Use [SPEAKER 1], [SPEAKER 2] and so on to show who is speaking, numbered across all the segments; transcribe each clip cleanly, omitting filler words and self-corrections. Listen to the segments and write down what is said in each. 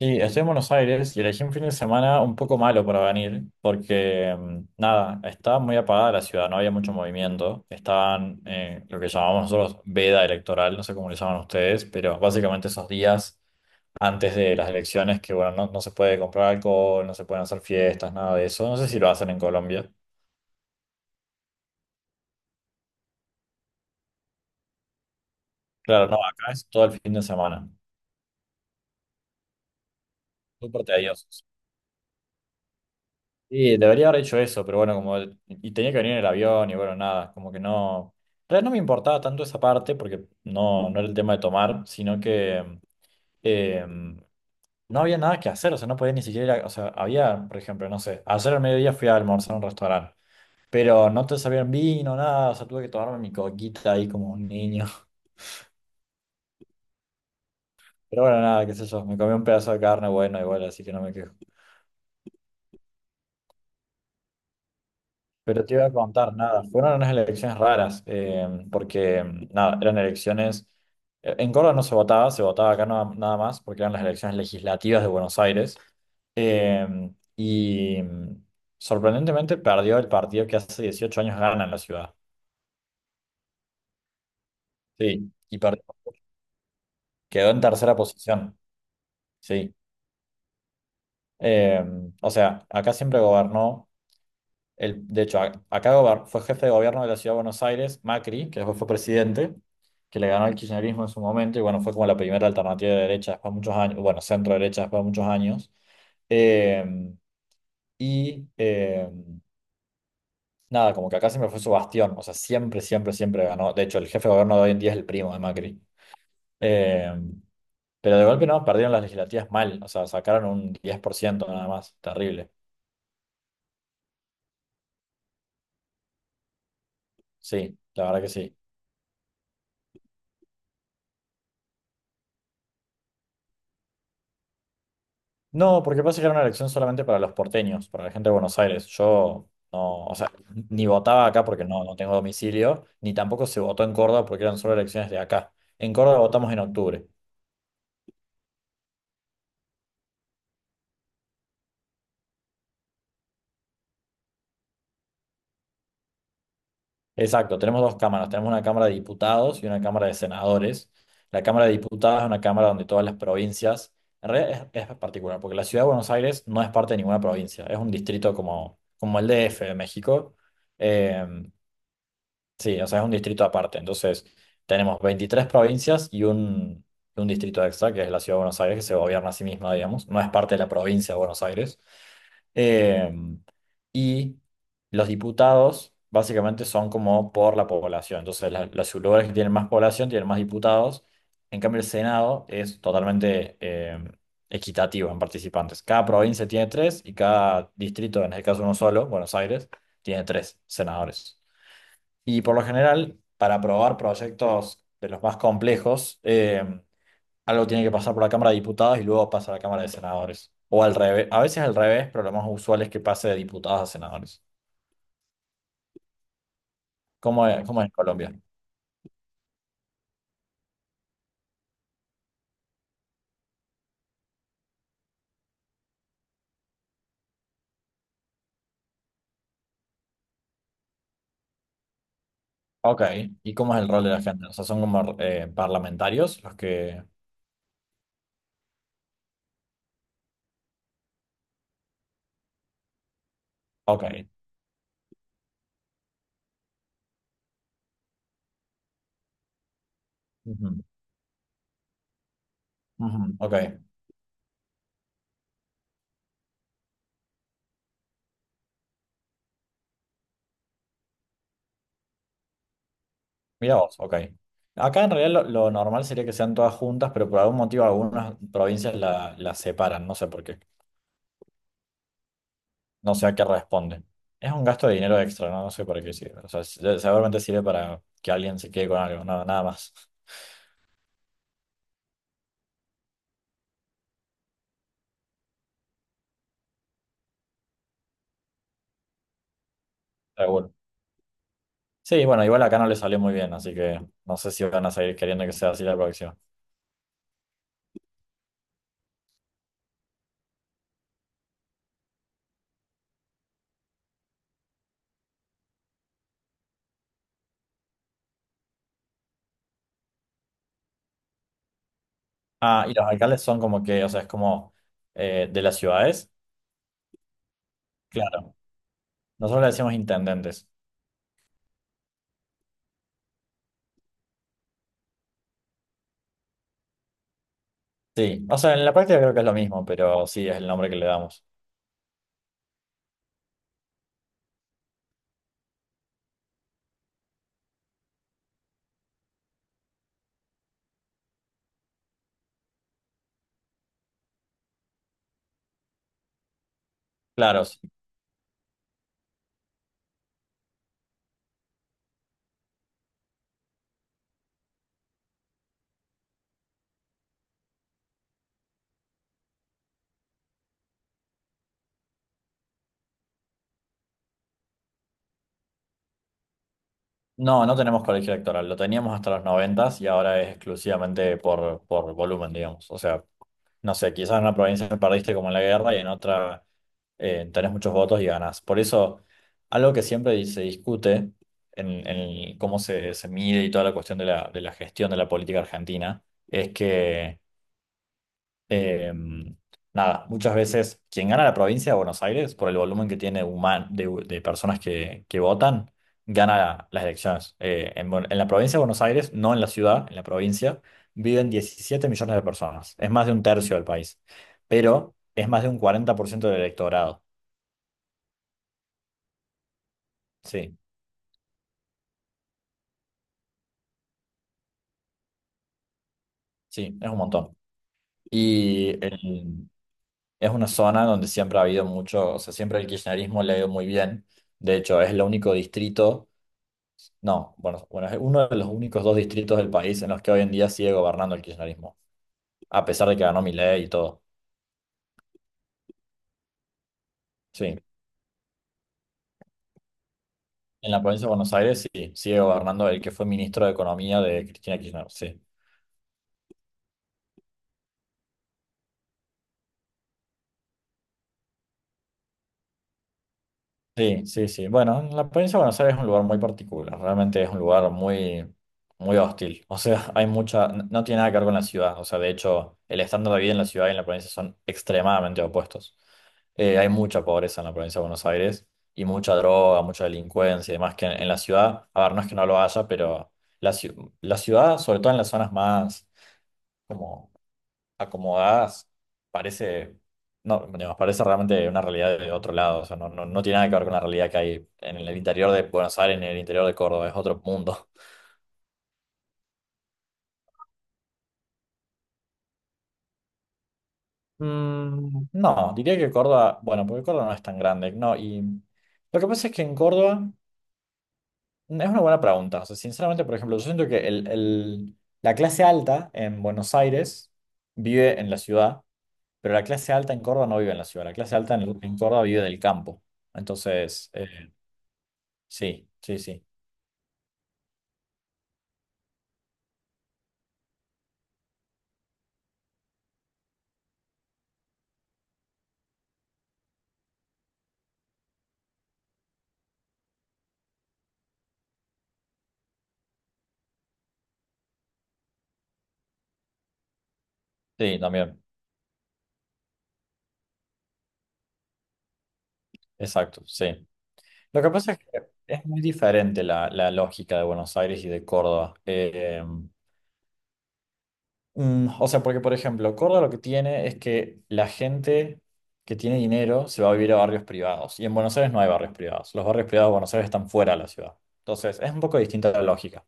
[SPEAKER 1] Sí, estoy en Buenos Aires y elegí un fin de semana un poco malo para venir, porque nada, estaba muy apagada la ciudad, no había mucho movimiento, estaban lo que llamamos nosotros veda electoral, no sé cómo le llaman ustedes, pero básicamente esos días antes de las elecciones que bueno, no, no se puede comprar alcohol, no se pueden hacer fiestas, nada de eso, no sé si lo hacen en Colombia. Claro, no, acá es todo el fin de semana, súper tedioso. Sí, debería haber hecho eso, pero bueno, y tenía que venir en el avión y bueno, nada, como que no, en realidad no me importaba tanto esa parte porque no, no era el tema de tomar, sino que eh, no había nada que hacer, o sea, no podía ni siquiera o sea, había, por ejemplo, no sé, ayer al mediodía fui a almorzar a un restaurante, pero no te sabían vino, nada, o sea, tuve que tomarme mi coquita ahí como un niño, pero bueno, nada, qué sé yo, me comí un pedazo de carne, bueno, igual, así que no me quejo. Pero te iba a contar, nada, fueron unas elecciones raras, porque nada, eran elecciones, en Córdoba no se votaba, se votaba acá nada más, porque eran las elecciones legislativas de Buenos Aires, eh, y mm, sorprendentemente perdió el partido que hace 18 años gana en la ciudad, sí, y quedó en tercera posición, sí. Eh, o sea, acá siempre gobernó. De hecho, acá fue jefe de gobierno de la ciudad de Buenos Aires, Macri, que después fue presidente, que le ganó el kirchnerismo en su momento, y bueno, fue como la primera alternativa de derecha después de muchos años, bueno, centro derecha después de muchos años. Eh, y eh, nada, como que acá siempre fue su bastión, o sea, siempre, siempre, siempre ganó. De hecho, el jefe de gobierno de hoy en día es el primo de Macri. Eh, pero de golpe no, perdieron las legislativas mal, o sea, sacaron un 10% nada más, terrible. Sí, la verdad que sí. No, porque pasa que era una elección solamente para los porteños, para la gente de Buenos Aires. Yo no, o sea, ni votaba acá porque no, no tengo domicilio, ni tampoco se votó en Córdoba porque eran solo elecciones de acá. En Córdoba votamos en octubre. Exacto, tenemos dos cámaras, tenemos una Cámara de Diputados y una Cámara de Senadores. La Cámara de Diputados es una cámara donde todas las provincias, en realidad es particular, porque la ciudad de Buenos Aires no es parte de ninguna provincia, es un distrito como, como el DF de México. Em, Sí, o sea, es un distrito aparte. Entonces, tenemos 23 provincias y un distrito extra, que es la Ciudad de Buenos Aires, que se gobierna a sí misma, digamos. No es parte de la provincia de Buenos Aires. Eh, y los diputados básicamente son como por la población. Entonces, los lugares que tienen más población tienen más diputados. En cambio, el Senado es totalmente equitativo en participantes. Cada provincia tiene tres y cada distrito, en este caso uno solo, Buenos Aires, tiene tres senadores. Y por lo general, para aprobar proyectos de los más complejos, algo tiene que pasar por la Cámara de Diputados y luego pasa a la Cámara de Senadores. O al revés, a veces al revés, pero lo más usual es que pase de diputados a senadores. Cómo es en Colombia? Ok. ¿Y cómo es el rol de la gente? O sea, son como parlamentarios los que... Ok. Ujú, ujú, ok. Mira vos, ok. Acá en realidad lo normal sería que sean todas juntas, pero por algún motivo algunas provincias las separan, no sé por qué. No sé a qué responde. Es un gasto de dinero extra, no, no sé para qué sirve. O sea, seguramente sirve para que alguien se quede con algo, nada, nada más. Seguro. Sí, bueno, igual acá no le salió muy bien, así que no sé si van a seguir queriendo que sea así la próxima. Ah, y los alcaldes son como que, o sea, es como de las ciudades. Claro. Nosotros le decimos intendentes. Sí, o sea, en la práctica creo que es lo mismo, pero sí es el nombre que le damos. Claro, no, no tenemos colegio electoral, lo teníamos hasta los noventas y ahora es exclusivamente por volumen, digamos. O sea, no sé, quizás en una provincia perdiste como en la guerra y en otra tenés muchos votos y ganás. Por eso, algo que siempre se discute en cómo se mide y toda la cuestión de la gestión de la política argentina es que eh, nada, muchas veces quien gana la provincia de Buenos Aires, por el volumen que tiene de personas que votan, gana las elecciones. En la provincia de Buenos Aires, no en la ciudad, en la provincia, viven 17 millones de personas. Es más de un tercio del país, pero es más de un 40% del electorado. Sí, sí, es un montón. Y es una zona donde siempre ha habido mucho, o sea, siempre el kirchnerismo le ha ido muy bien. De hecho, es el único distrito. No, bueno, bueno, es uno de los únicos dos distritos del país en los que hoy en día sigue gobernando el kirchnerismo, a pesar de que ganó Milei y todo. Sí, en la provincia de Buenos Aires sí, sigue gobernando el que fue ministro de Economía de Cristina Kirchner, sí. Sí, sí, sí. Bueno, la provincia de Buenos Aires es un lugar muy particular, realmente es un lugar muy, muy hostil. O sea, hay no tiene nada que ver con la ciudad. O sea, de hecho, el estándar de vida en la ciudad y en la provincia son extremadamente opuestos. Hay mucha pobreza en la provincia de Buenos Aires y mucha droga, mucha delincuencia y demás que en la ciudad, a ver, no es que no lo haya, pero la ciudad, sobre todo en las zonas más como acomodadas, parece, no, digamos, parece realmente una realidad de otro lado. O sea, no, no, no tiene nada que ver con la realidad que hay en el interior de Buenos Aires, en el interior de Córdoba, es otro mundo. No, diría que Córdoba, bueno, porque Córdoba no es tan grande, no, y lo que pasa es que en Córdoba. Es una buena pregunta. O sea, sinceramente, por ejemplo, yo siento que la clase alta en Buenos Aires vive en la ciudad, pero la clase alta en Córdoba no vive en la ciudad, la clase alta en Córdoba vive del campo. Entonces, sí, sí, sí, sí, también, exacto, sí. Lo que pasa es que es muy diferente la lógica de Buenos Aires y de Córdoba. O sea, porque por ejemplo, Córdoba lo que tiene es que la gente que tiene dinero se va a vivir a barrios privados y en Buenos Aires no hay barrios privados. Los barrios privados de Buenos Aires están fuera de la ciudad. Entonces, es un poco distinta la lógica.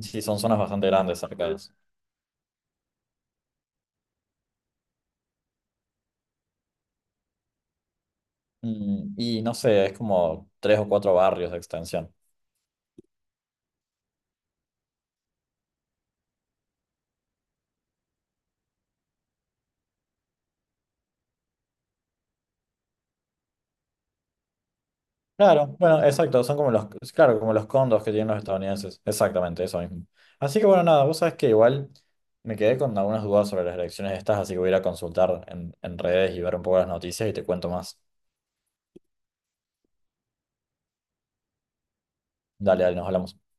[SPEAKER 1] Sí, son zonas bastante grandes, cercanas. Y no sé, es como tres o cuatro barrios de extensión. Claro, bueno, exacto, son como los, claro, como los condos que tienen los estadounidenses, exactamente, eso mismo. Así que bueno, nada, vos sabés que igual me quedé con algunas dudas sobre las elecciones estas, así que voy a ir a consultar en redes y ver un poco las noticias y te cuento más. Dale, dale, nos hablamos.